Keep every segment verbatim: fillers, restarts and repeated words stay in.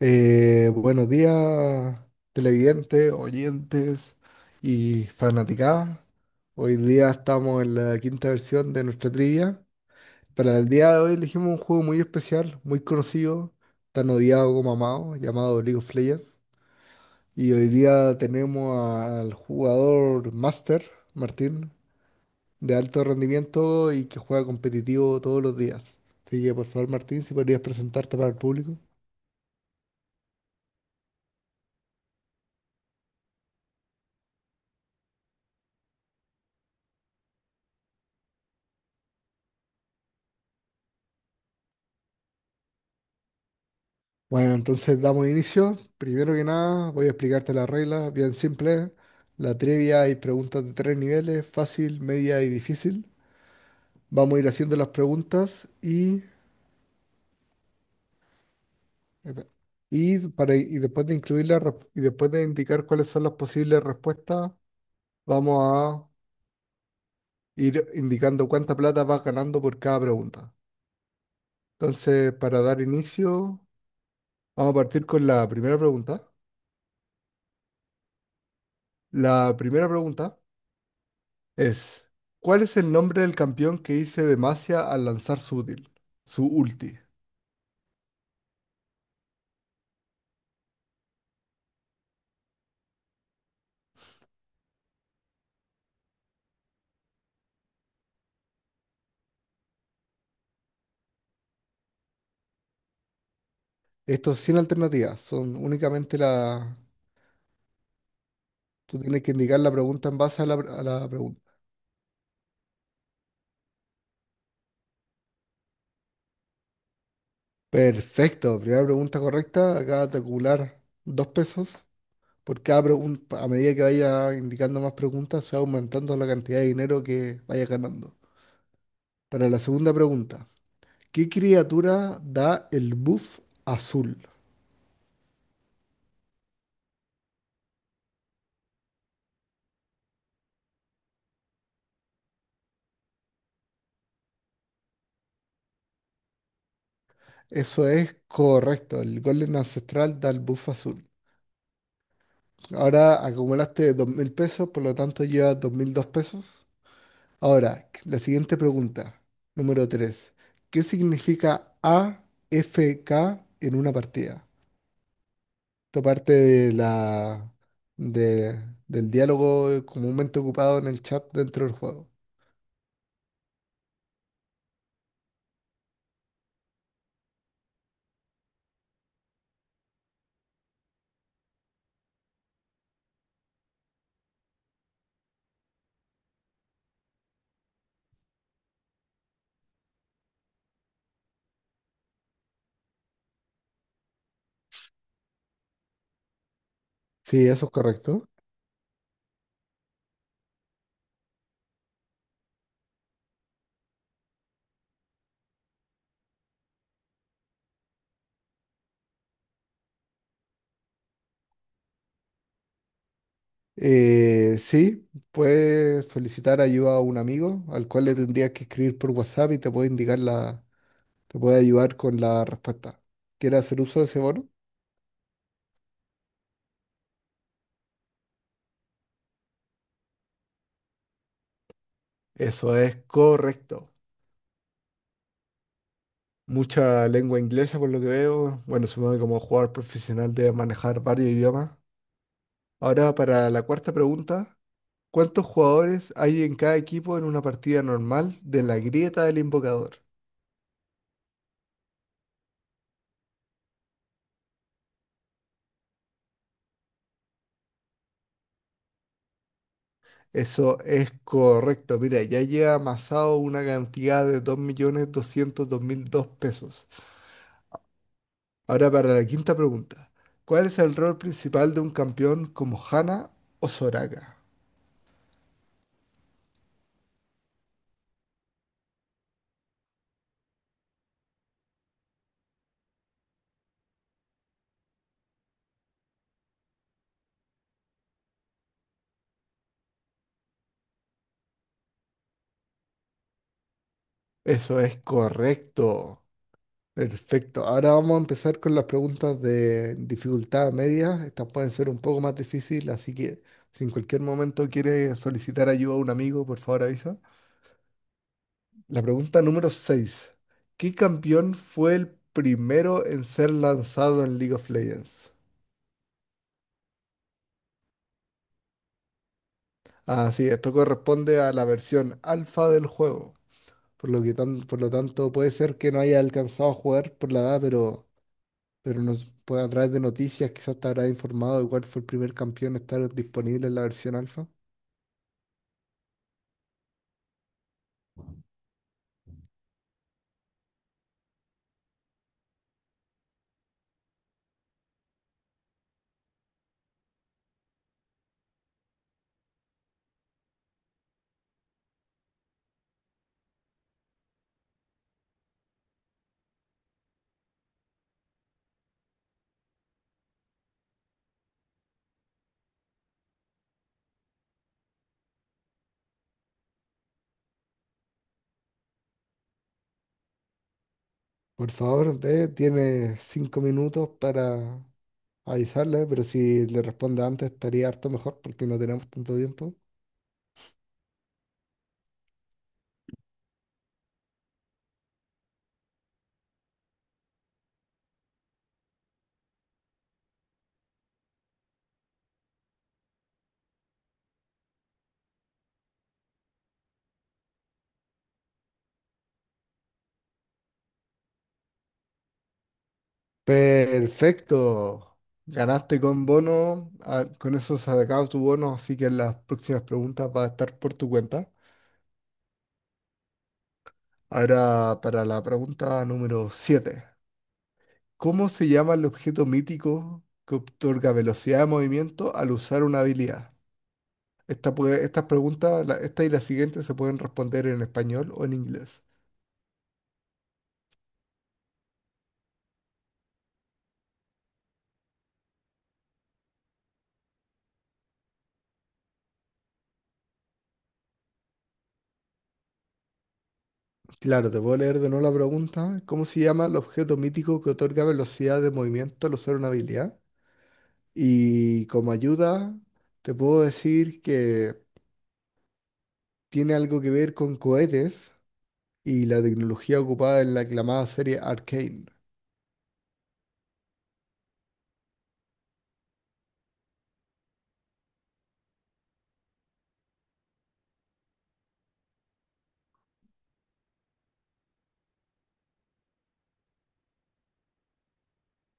Eh, buenos días, televidentes, oyentes y fanaticadas. Hoy día estamos en la quinta versión de nuestra trivia. Para el día de hoy elegimos un juego muy especial, muy conocido, tan odiado como amado, llamado League of Legends. Y hoy día tenemos al jugador Master, Martín, de alto rendimiento y que juega competitivo todos los días. Así que por favor, Martín, si podrías presentarte para el público. Bueno, entonces damos inicio. Primero que nada, voy a explicarte las reglas, bien simple. La trivia y preguntas de tres niveles, fácil, media y difícil. Vamos a ir haciendo las preguntas y, y, para, y después de incluirlas y después de indicar cuáles son las posibles respuestas, vamos a ir indicando cuánta plata vas ganando por cada pregunta. Entonces, para dar inicio, vamos a partir con la primera pregunta. La primera pregunta. Es, ¿cuál es el nombre del campeón que hice Demacia al lanzar su útil, su ulti? Esto es sin alternativas, son únicamente la... Tú tienes que indicar la pregunta en base a la, a la pregunta. Perfecto, primera pregunta correcta, acabas de acumular dos pesos. Por cada pregunta, a medida que vaya indicando más preguntas, se va aumentando la cantidad de dinero que vaya ganando. Para la segunda pregunta, ¿qué criatura da el buff azul? Eso es correcto, el golem ancestral da el buff azul. Ahora acumulaste dos mil pesos, por lo tanto llevas dos mil dos pesos. Ahora, la siguiente pregunta, número tres: ¿qué significa a f k en una partida? Esto parte de la, de- del diálogo comúnmente ocupado en el chat dentro del juego. Sí, eso es correcto. Eh, sí, puedes solicitar ayuda a un amigo al cual le tendrías que escribir por WhatsApp y te puede indicar la te puede ayudar con la respuesta. ¿Quieres hacer uso de ese bono? Eso es correcto. Mucha lengua inglesa por lo que veo. Bueno, supongo que como jugador profesional debe manejar varios idiomas. Ahora para la cuarta pregunta. ¿Cuántos jugadores hay en cada equipo en una partida normal de la grieta del invocador? Eso es correcto. Mira, ya lleva amasado una cantidad de dos dos millones doscientos dos mil dos pesos. Ahora para la quinta pregunta. ¿Cuál es el rol principal de un campeón como Hana o Soraka? Eso es correcto. Perfecto. Ahora vamos a empezar con las preguntas de dificultad media. Estas pueden ser un poco más difíciles, así que si en cualquier momento quieres solicitar ayuda a un amigo, por favor avisa. La pregunta número seis. ¿Qué campeón fue el primero en ser lanzado en League of Legends? Ah, sí, esto corresponde a la versión alfa del juego. Por lo que tan- por lo tanto, puede ser que no haya alcanzado a jugar por la edad, pero, pero nos puede, a través de noticias quizás te habrá informado de cuál fue el primer campeón a estar disponible en la versión alfa. Por favor, te, tiene cinco minutos para avisarle, pero si le responde antes estaría harto mejor porque no tenemos tanto tiempo. Perfecto. Ganaste con bono, ah, con eso se ha acabado tu bono, así que las próximas preguntas va a estar por tu cuenta. Ahora para la pregunta número siete, ¿cómo se llama el objeto mítico que otorga velocidad de movimiento al usar una habilidad? Esta puede- estas preguntas, la- esta y la siguiente se pueden responder en español o en inglés. Claro, te puedo leer de nuevo la pregunta. ¿Cómo se llama el objeto mítico que otorga velocidad de movimiento al usar una habilidad? Y como ayuda, te puedo decir que tiene algo que ver con cohetes y la tecnología ocupada en la aclamada serie Arcane.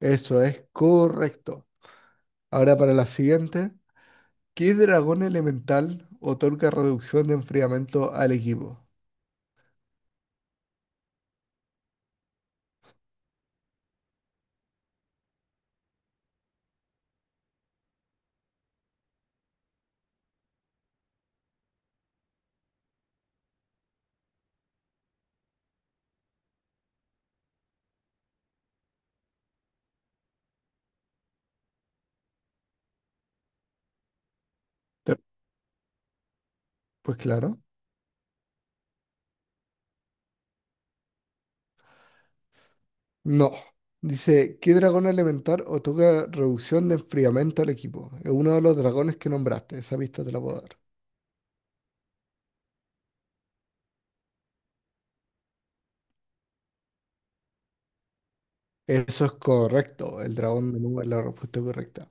Eso es correcto. Ahora para la siguiente. ¿Qué dragón elemental otorga reducción de enfriamiento al equipo? Te- Pues claro, no. Dice, ¿qué dragón elemental otorga reducción de enfriamiento al equipo? Es uno de los dragones que nombraste, esa pista te la puedo dar. Eso es correcto, el dragón de nube es la respuesta correcta.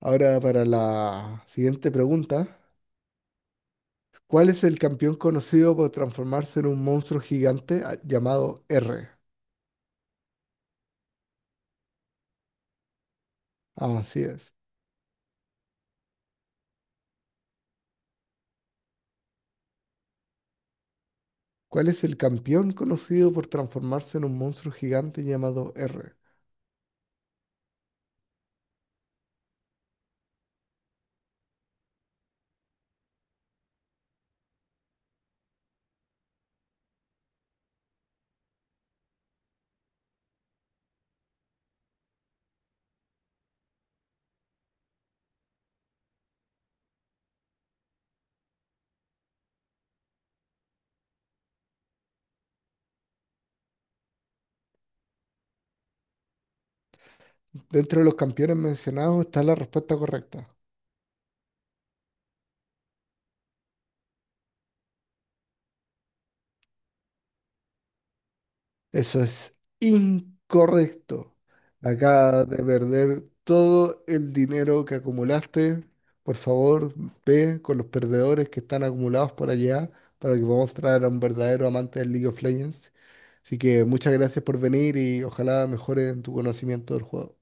Ahora para la siguiente pregunta, ¿cuál es el campeón conocido por transformarse en un monstruo gigante ah, llamado R? Así es. ¿Cuál es el campeón conocido por transformarse en un monstruo gigante llamado R? Dentro de los campeones mencionados está la respuesta correcta. Eso es incorrecto. Acaba de perder todo el dinero que acumulaste. Por favor, ve con los perdedores que están acumulados por allá para que podamos traer a un verdadero amante del League of Legends. Así que muchas gracias por venir y ojalá mejore en tu conocimiento del juego.